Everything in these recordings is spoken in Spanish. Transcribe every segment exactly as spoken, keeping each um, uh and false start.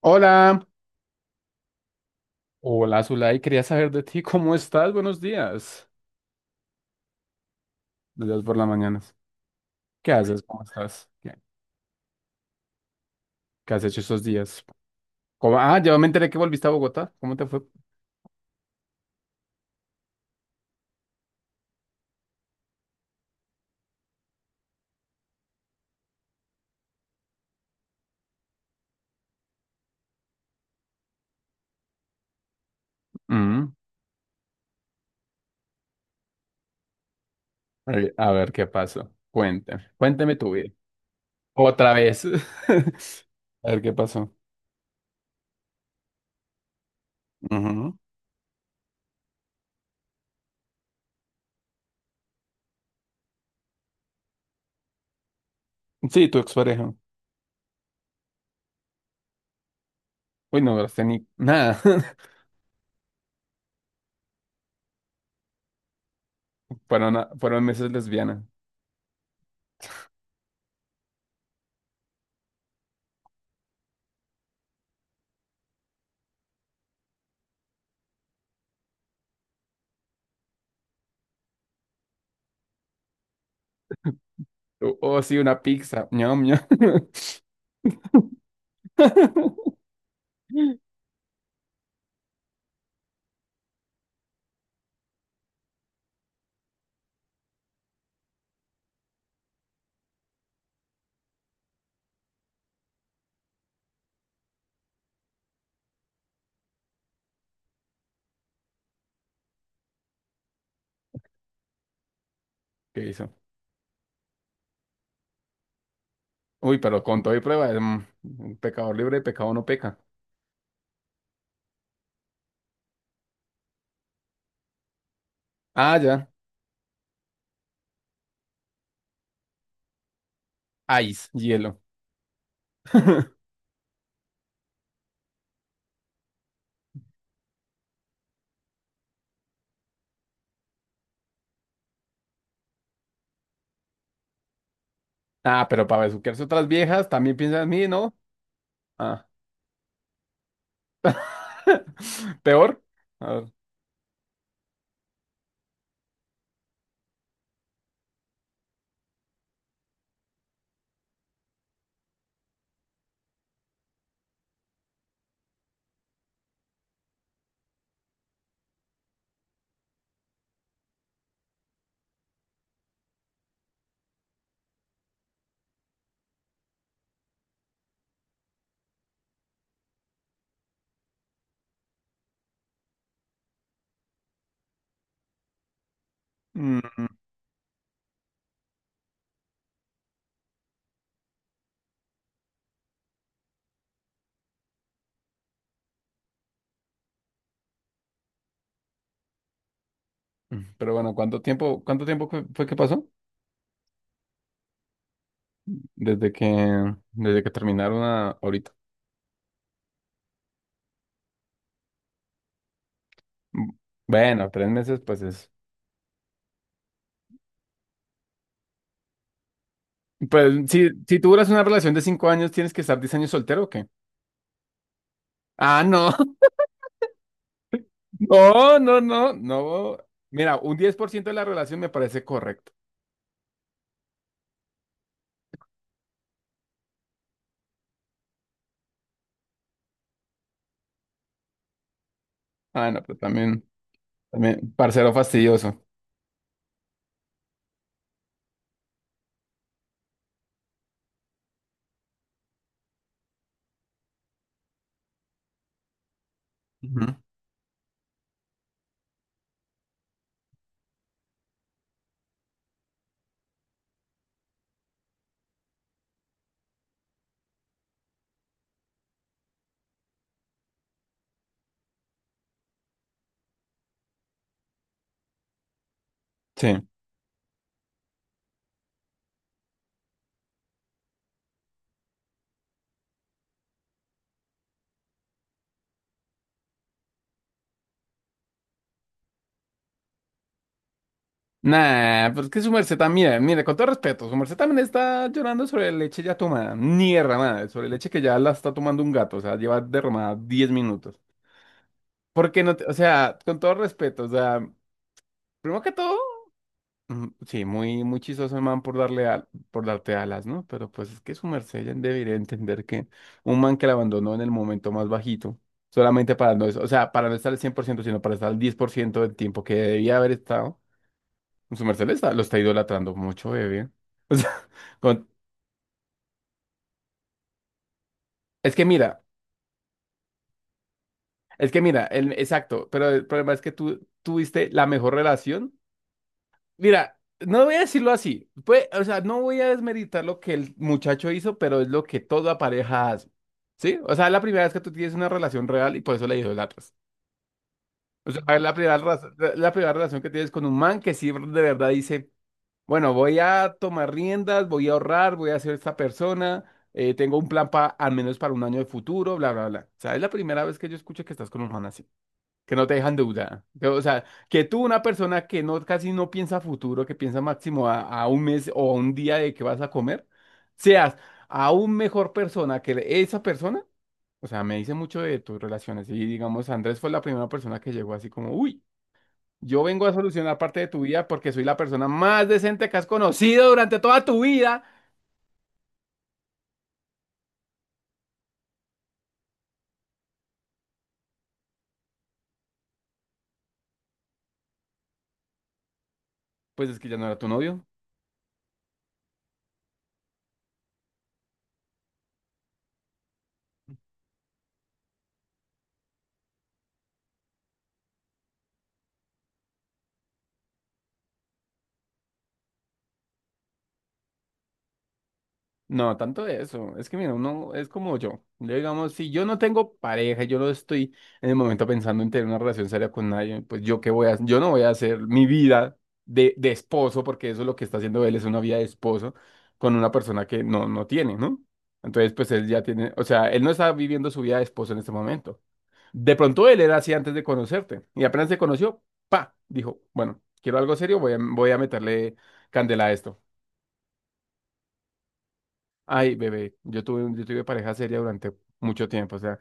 Hola, hola Zulay, quería saber de ti, ¿cómo estás? Buenos días, buenos días por las mañanas. ¿Qué haces? ¿Cómo estás? ¿Qué, qué has hecho estos días? ¿Cómo- Ah, ya me enteré que volviste a Bogotá, ¿cómo te fue? Mm, a ver, a ver qué pasó, cuéntame, cuéntame tu vida, otra vez. A ver qué pasó. Ujú. Sí, tu expareja. Uy, no hablaste ni nada. fueron, a- fueron meses, lesbiana. Oh, oh, sí, una pizza, ñam, ñam. ¿Qué hizo? Uy, pero con todo y prueba, mm, pecador libre y pecado no peca. Ah, ya. Ice, hielo. Ah, pero para besuquearse otras viejas, también piensa en mí, ¿no? Ah. Peor. A ver. Mm, Pero bueno, ¿cuánto tiempo, cuánto tiempo fue fue que pasó? Desde que, desde que terminaron a- ahorita. Mm, Bueno, tres meses, pues es. Pues si, si tú duras una relación de cinco años, ¿tienes que estar diez años soltero o qué? Ah, no. No, no, no, no. Mira, un diez por ciento de la relación me parece correcto. Ah, no, pero también, también, parcero fastidioso. Ujú. Sí. Nah, pues que su merced también, mire, mire, con todo respeto, su merced también está llorando sobre leche ya tomada, ni derramada, sobre leche que ya la está tomando un gato, o sea, lleva derramada diez minutos. Porque no, te- o sea, con todo respeto, o sea, primero que todo. Mm, Sí, muy, muy chistoso el man por darle al- por darte alas, ¿no? Pero pues es que su merced ya debería entender que un man que la abandonó en el momento más bajito, solamente para no, es- o sea, para no estar al cien por ciento, sino para estar al diez por ciento del tiempo que debía haber estado, su merced le está, lo está idolatrando mucho, bebé. O sea, con- es que mira, es que mira, el, exacto, pero el problema es que tú tuviste la mejor relación. Mira, no voy a decirlo así. Pues, o sea, no voy a desmeritar lo que el muchacho hizo, pero es lo que toda pareja hace. ¿Sí? O sea, es la primera vez que tú tienes una relación real y por eso la idolatras. O sea, es la primera, raza- la primera relación que tienes con un man que sí de verdad dice, bueno, voy a tomar riendas, voy a ahorrar, voy a ser esta persona, eh, tengo un plan para al menos para un año de futuro, bla, bla, bla. O sea, es la primera vez que yo escucho que estás con un man así que no te dejan duda. Que, o sea, que tú, una persona que no, casi no piensa a futuro, que piensa máximo a, a un mes o a un día de que vas a comer, seas aún mejor persona que esa persona. O sea, me dice mucho de tus relaciones. Y digamos, Andrés fue la primera persona que llegó así como, uy, yo vengo a solucionar parte de tu vida porque soy la persona más decente que has conocido durante toda tu vida. Pues es que ya no era tu novio. No, tanto de eso. Es que mira, uno es como yo. Yo, digamos, si yo no tengo pareja, yo no estoy en el momento pensando en tener una relación seria con nadie, pues yo qué voy a, yo no voy a hacer mi vida de, de esposo, porque eso es lo que está haciendo él, es una vida de esposo con una persona que no, no tiene, ¿no? Entonces, pues él ya tiene, o sea, él no está viviendo su vida de esposo en este momento. De pronto él era así antes de conocerte y apenas se conoció, pa, dijo, bueno, quiero algo serio, voy a, voy a meterle candela a esto. Ay, bebé, yo tuve, un- yo tuve pareja seria durante mucho tiempo, o sea,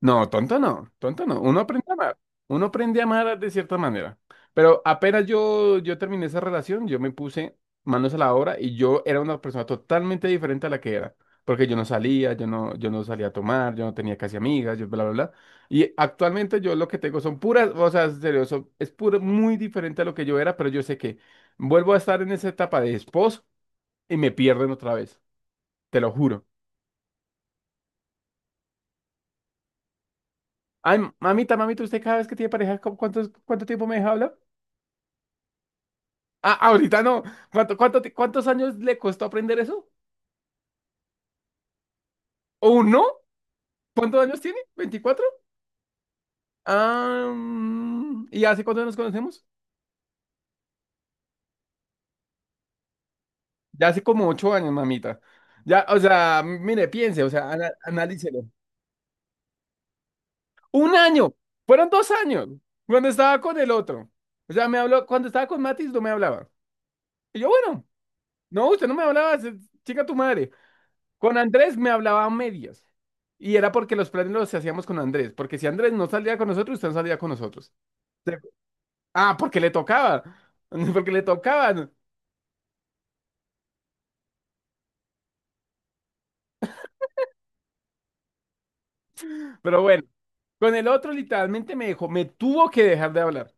no, tonto no, tonto no, uno aprende a amar, uno aprende a amar de cierta manera, pero apenas yo, yo terminé esa relación, yo me puse manos a la obra y yo era una persona totalmente diferente a la que era, porque yo no salía, yo no, yo no salía a tomar, yo no tenía casi amigas, yo bla, bla, bla, y actualmente yo lo que tengo son puras, o sea, en serio, son- es puro, muy diferente a lo que yo era, pero yo sé que vuelvo a estar en esa etapa de esposo y me pierden otra vez, te lo juro. Ay, mamita, mamita, usted cada vez que tiene pareja, ¿cu- ¿cuántos, ¿cuánto tiempo me deja hablar? Ah, ahorita no. ¿Cuánto, cuánto, ti- cuántos años le costó aprender eso? ¿O no? ¿Cuántos años tiene? Veinticuatro. Ah, mm, ¿y hace cuánto nos conocemos? Ya hace como ocho años, mamita. Ya, o sea, mire, piense, o sea, ana- analícelo. Un año, fueron dos años, cuando estaba con el otro. O sea, me habló, cuando estaba con Matis no me hablaba. Y yo, bueno, no, usted no me hablaba, se- chica tu madre. Con Andrés me hablaba a medias. Y era porque los planes los hacíamos con Andrés. Porque si Andrés no salía con nosotros, usted no salía con nosotros. Se- Ah, porque le tocaba. Porque le tocaban. Pero bueno, con el otro literalmente me dejó, me tuvo que dejar de hablar.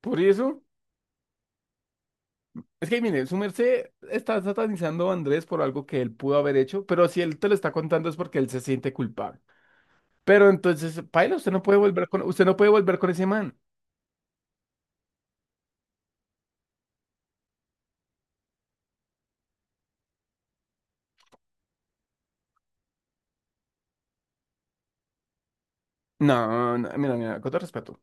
Por eso, es que mire, su merced está satanizando a Andrés por algo que él pudo haber hecho. Pero si él te lo está contando es porque él se siente culpable. Pero entonces, paila, usted no puede volver con, usted no puede volver con ese man. No, no, mira, mira, con todo respeto.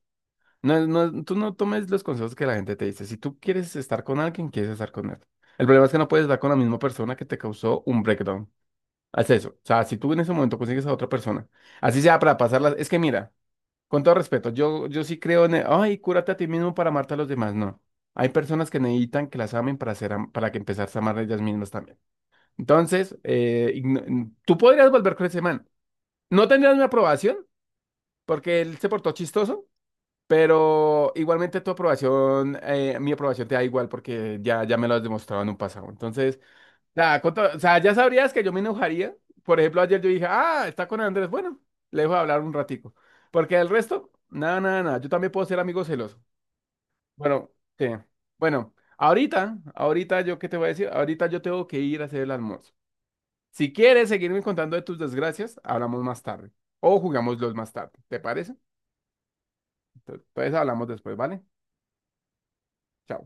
No, no, tú no tomes los consejos que la gente te dice. Si tú quieres estar con alguien, quieres estar con él. El problema es que no puedes estar con la misma persona que te causó un breakdown. Haz eso. O sea, si tú en ese momento consigues a otra persona, así sea para pasarla. Es que mira, con todo respeto, yo, yo sí creo en el, ay, cúrate a ti mismo para amarte a los demás. No. Hay personas que necesitan que las amen para ser, am- para que empezarse a amar ellas mismas también. Entonces, eh, igno- tú podrías volver con ese man. No tendrías mi aprobación porque él se portó chistoso. Pero igualmente tu aprobación, eh, mi aprobación te da igual porque ya, ya me lo has demostrado en un pasado. Entonces, nada, con to- o sea, ya sabrías que yo me enojaría. Por ejemplo, ayer yo dije, ah, está con Andrés. Bueno, le dejo hablar un ratico. Porque el resto, nada, nada, nada. Yo también puedo ser amigo celoso. Bueno, sí. Bueno, ahorita, ahorita yo qué te voy a decir. Ahorita yo tengo que ir a hacer el almuerzo. Si quieres seguirme contando de tus desgracias, hablamos más tarde. O jugamos los más tarde. ¿Te parece? Entonces, entonces hablamos después, ¿vale? Chao.